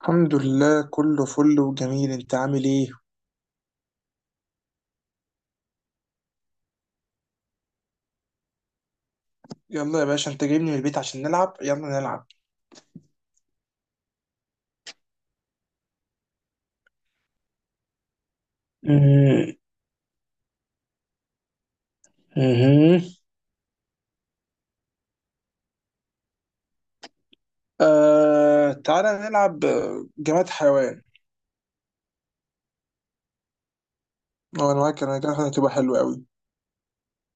الحمد لله، كله فل وجميل. انت عامل ايه؟ يلا يا باشا، انت جايبني من البيت عشان نلعب. يلا نلعب. مم. مهم. آه، تعالى نلعب، جماد حيوان. اه، انا معاك، انا كده هتبقى حلوة قوي.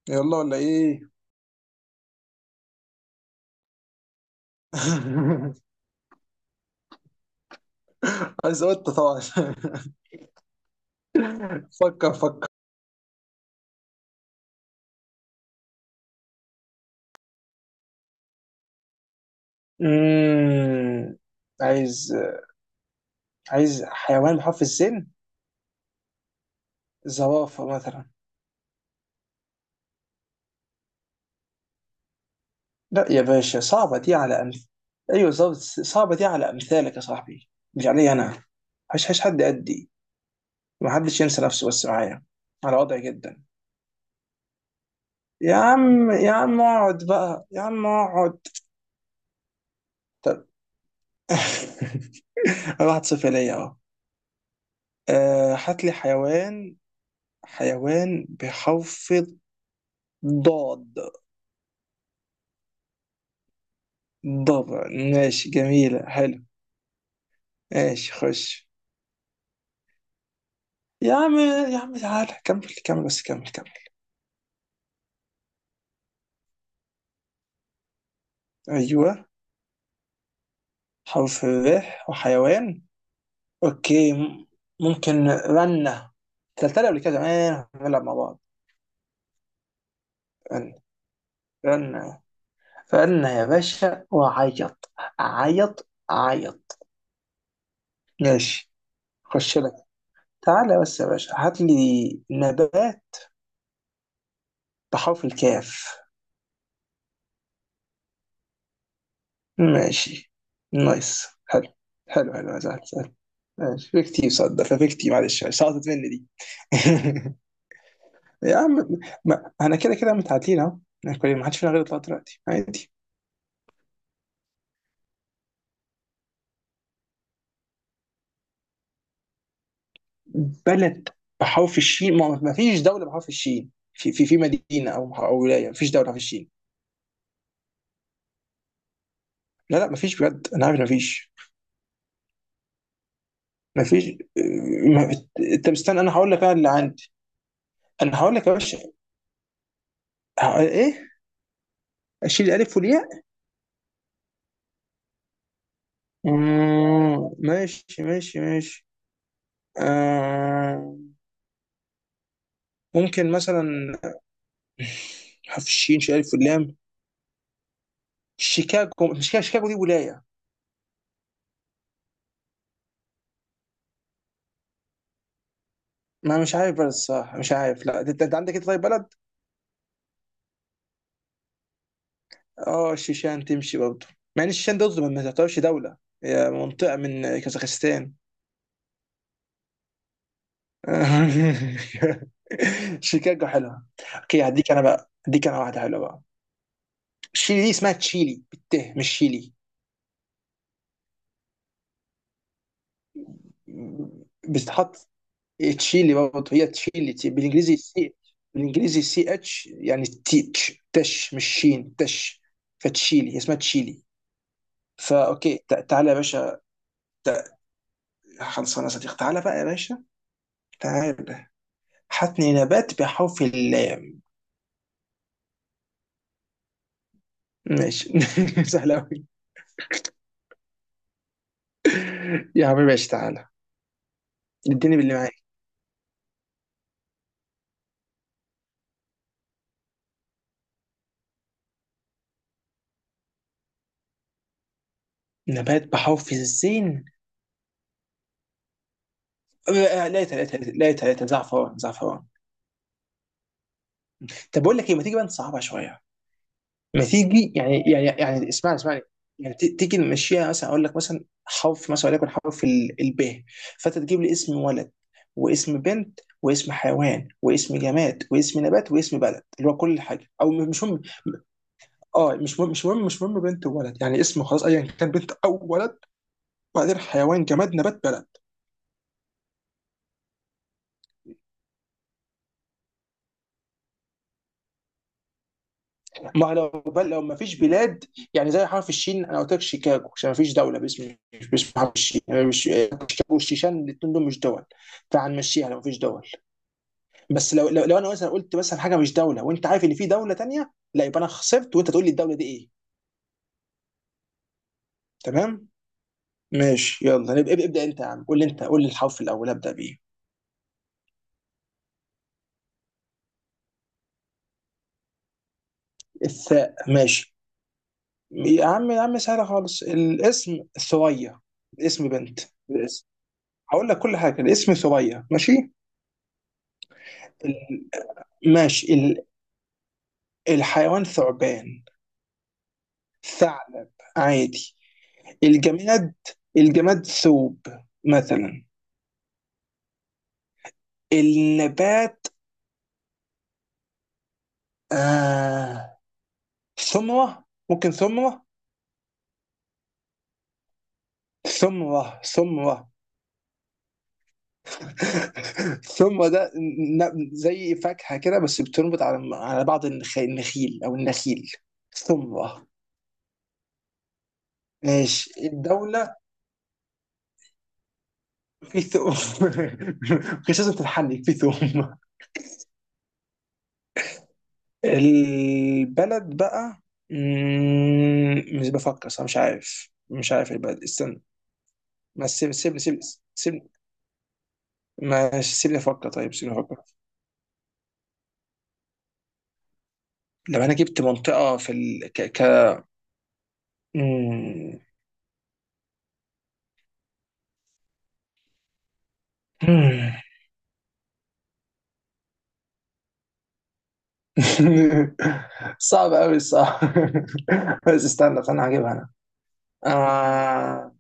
يلا، ولا ايه؟ عايز قطة طبعا. فكر فكر. مم. عايز عايز حيوان بحرف السين. زرافة مثلا. لا يا باشا، صعبة دي على أيوة بالظبط، صعبة دي على أمثالك يا صاحبي. مش علي أنا. هش هش، حد قدي؟ ما حدش ينسى نفسه بس معايا. على وضعي جدا. يا عم يا عم، اقعد بقى يا عم، اقعد. طب. أنا 1-0 ليا أهو. آه، هات لي حيوان. حيوان بحرف الضاد. ضبع. ماشي، جميلة، حلو. ماشي خش. يا عم يا عم، تعالى كمل كمل بس كمل كمل. أيوه. حرف الراء، وحيوان. اوكي، ممكن رنة. تلتلي قبل كده، زمان بنلعب مع بعض. رنة، رنة، رنة يا باشا، وعيط. عيط عيط. ماشي، خش لك. تعالى بس يا باشا، هات لي نبات بحرف الكاف. ماشي. نايس، حلو. حلو حلو، سهل سهل. ماشي، في كتير صدق، ففي كتير، معلش سقطت مني دي. يا عم. ما انا كده كده متعادلين اهو. يعني ما حدش فينا غير يطلع دلوقتي عادي. بلد بحرف الشين. ما فيش دولة بحرف الشين. في مدينة أو ولاية. ما فيش دولة بحرف الشين. لا، لا، ما فيش بجد. أنا عارف إن ما فيش. ما فيش. آه، ما- أنت مستني أنا هقول لك؟ أنا اللي عندي. أنا هقول لك يا باشا. إيه؟ أشيل الألف والياء. ماشي ماشي ماشي. آه. ممكن مثلا، بحرف الشين، شيل الألف واللام. شيكاغو. مش كده؟ شيكاغو دي ولاية. ما مش عارف بلد الصراحة، مش عارف. لا، أنت عندك إيه طيب، بلد؟ اه، الشيشان تمشي برضه. مع ان الشيشان ده ما تعتبرش دولة، هي منطقة من كازاخستان. شيكاغو حلوة. اوكي، هديك انا بقى، هديك انا واحدة حلوة بقى. شيلي دي اسمها تشيلي بالته، مش شيلي. بتتحط تشيلي برضه، هي تشيلي. بالانجليزي سي. بالانجليزي سي اتش يعني تيتش، تش مش شين، تش. فتشيلي هي اسمها تشيلي. فا اوكي، تعالى يا باشا. تع- خلصانه يا صديقي، تعالى بقى يا باشا، تعالى. حتني نبات بحرف اللام. ماشي. سهل أوي. يا حبيبي، ماشي، تعالى، اديني باللي معاك. نبات بحرف الزين. لقيتها، لقيتها، لقيتها، لقيتها. زعفران، زعفران. طب، بقول لك ايه؟ ما تيجي بقى نصعبها شويه. ما تيجي، يعني يعني يعني، اسمعني اسمعني. يعني تيجي نمشيها. مثلا اقول لك، مثلا حرف، مثلا وليكن حرف الب. فانت تجيب لي اسم ولد، واسم بنت، واسم حيوان، واسم جماد، واسم نبات، واسم بلد، اللي هو كل حاجه، او مش هم. اه، مش مهم، مش مهم، مش مهم. بنت وولد يعني اسمه خلاص، ايا كان بنت او ولد. وبعدين حيوان، جماد، نبات، بلد. ما لو لو ما فيش بلاد. يعني زي حرف الشين، انا قلت لك شيكاغو عشان ما فيش دوله باسم حرف الشين. يعني مش شيكاغو والشيشان، الاثنين دول مش دول. فهنمشيها لو ما فيش دول. بس لو انا مثلا قلت مثلا حاجه مش دوله، وانت عارف ان في دوله تانيه، لا، يبقى انا خسرت، وانت تقول لي الدوله دي ايه. تمام. ماشي يلا. ابدا انت يا عم. قول لي، انت قول لي الحرف الاول ابدا بيه. الثاء. ماشي. يا عم يا عم، سهله خالص. الاسم ثريا. اسم بنت. الاسم، هقول لك كل حاجه. الاسم ثريا. ماشي. ال... ماشي. الحيوان ثعبان. ثعلب. عادي. الجماد الجماد ثوب مثلا. النبات. آه... ثمره، ممكن ثمره. ثمره، ثمره. ثمره ده، زي فاكهه كده، بس بتنبت على بعض النخيل، او النخيل. ثمره. ماشي الدولة. في ثوم. مش لازم تتحنك، في ثوم. البلد بقى. مش بفكر صح. مش عارف، مش عارف البلد، استنى. ما سيب سيب سيب سيب، ما سيبني افكر. طيب سيبني افكر. لو انا جبت منطقة في مم. مم. صعب قوي، صعب. بس استنى استنى، هجيبها انا. آه...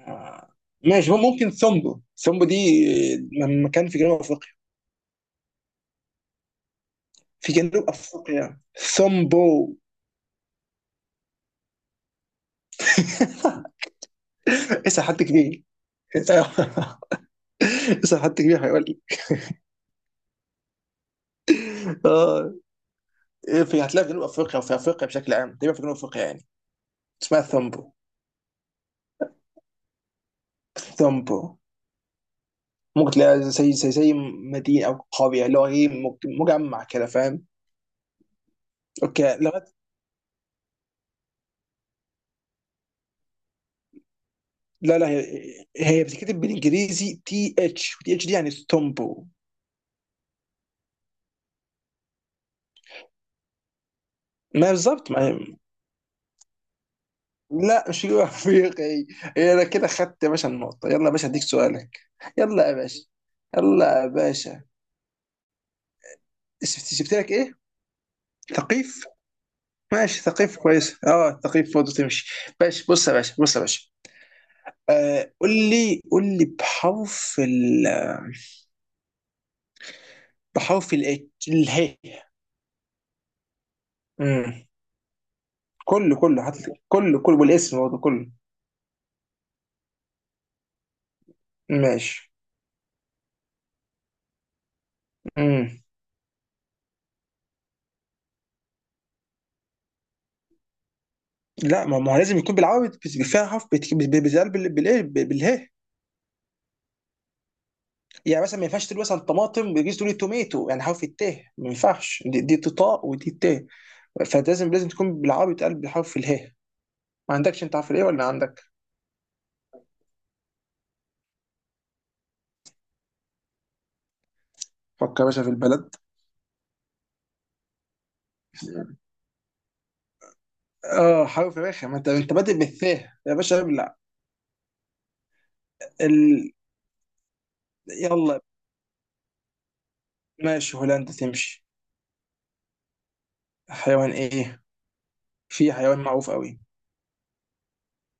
آه، ماشي. ممكن ثومبو. ثومبو دي مكان في جنوب افريقيا. في جنوب افريقيا. ثومبو. اسال حد كبير. اسال حد كبير هيقول لي. اه. في، هتلاقيها في جنوب افريقيا وفي افريقيا بشكل عام، تقريبا في جنوب افريقيا يعني. اسمها ثومبو. ثومبو ممكن تلاقيها زي زي مدينه او قريه، اللي هو ايه، مجمع كده، فاهم؟ اوكي لغايه. لا، لا، هي بتتكتب بالانجليزي تي اتش، تي اتش دي يعني ثومبو. ما بالظبط، ما. لا، مش جنوب افريقيا هي. هي، انا كده خدت يا باشا النقطه. يلا يا باشا، اديك سؤالك. يلا يا باشا. يلا يا باشا، شفت جبت لك ايه. ثقيف. ماشي، ثقيف كويس. اه، ثقيف برضه تمشي. باشا بص يا باشا، بص يا باشا. آه، قول لي قول لي بحرف ال، بحرف ال اله. امم كله، كله، حتى كله كله، والاسم برضه كله. ماشي. امم لا، ما هو لازم يكون بالعربي، بس فيها حرف، بتتقال بالايه، بالهي. يعني مثلا ما ينفعش تقول مثلا طماطم، بيجيز تقول توميتو، يعني حرف التاء ما ينفعش، دي تطاء ودي تاء. فلازم تكون بالعربي، بتقلب بحرف الهاء. ما عندكش انت حرف الايه ولا عندك؟ فكر يا باشا في البلد. اه حرف رخم، ما انت بادئ بالثاء يا باشا، ابلع. ال... يلا. ماشي، هولندا تمشي. حيوان ايه؟ في حيوان معروف قوي،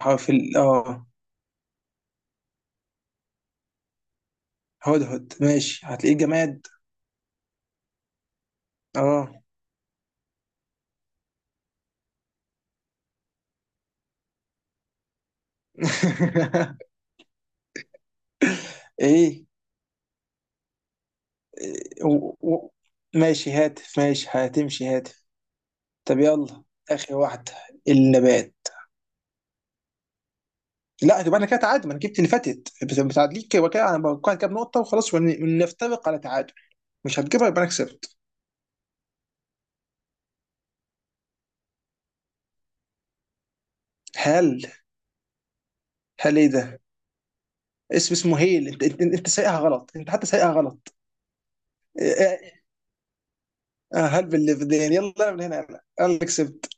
حرف ال، هدهد. ماشي، هتلاقيه. جماد. اه. ايه؟ و... و... ماشي هات. ماشي هتمشي، هات. طب يلا، اخر واحده، النبات. لا، يبقى انا كده تعادل، ما انا جبت اللي فاتت، بس متعادلين كده وكده، انا بقول كام نقطه وخلاص، ونفترق على تعادل. مش هتجيبها، يبقى انا كسبت. هل؟ هل ايه ده؟ اسمه هيل. انت سايقها غلط، انت حتى سايقها غلط. آه، آه، آه، هل باللي في الدنيا. يلا من هنا، يلا انا اللي كسبت.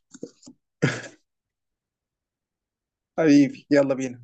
حبيبي، يلا بينا.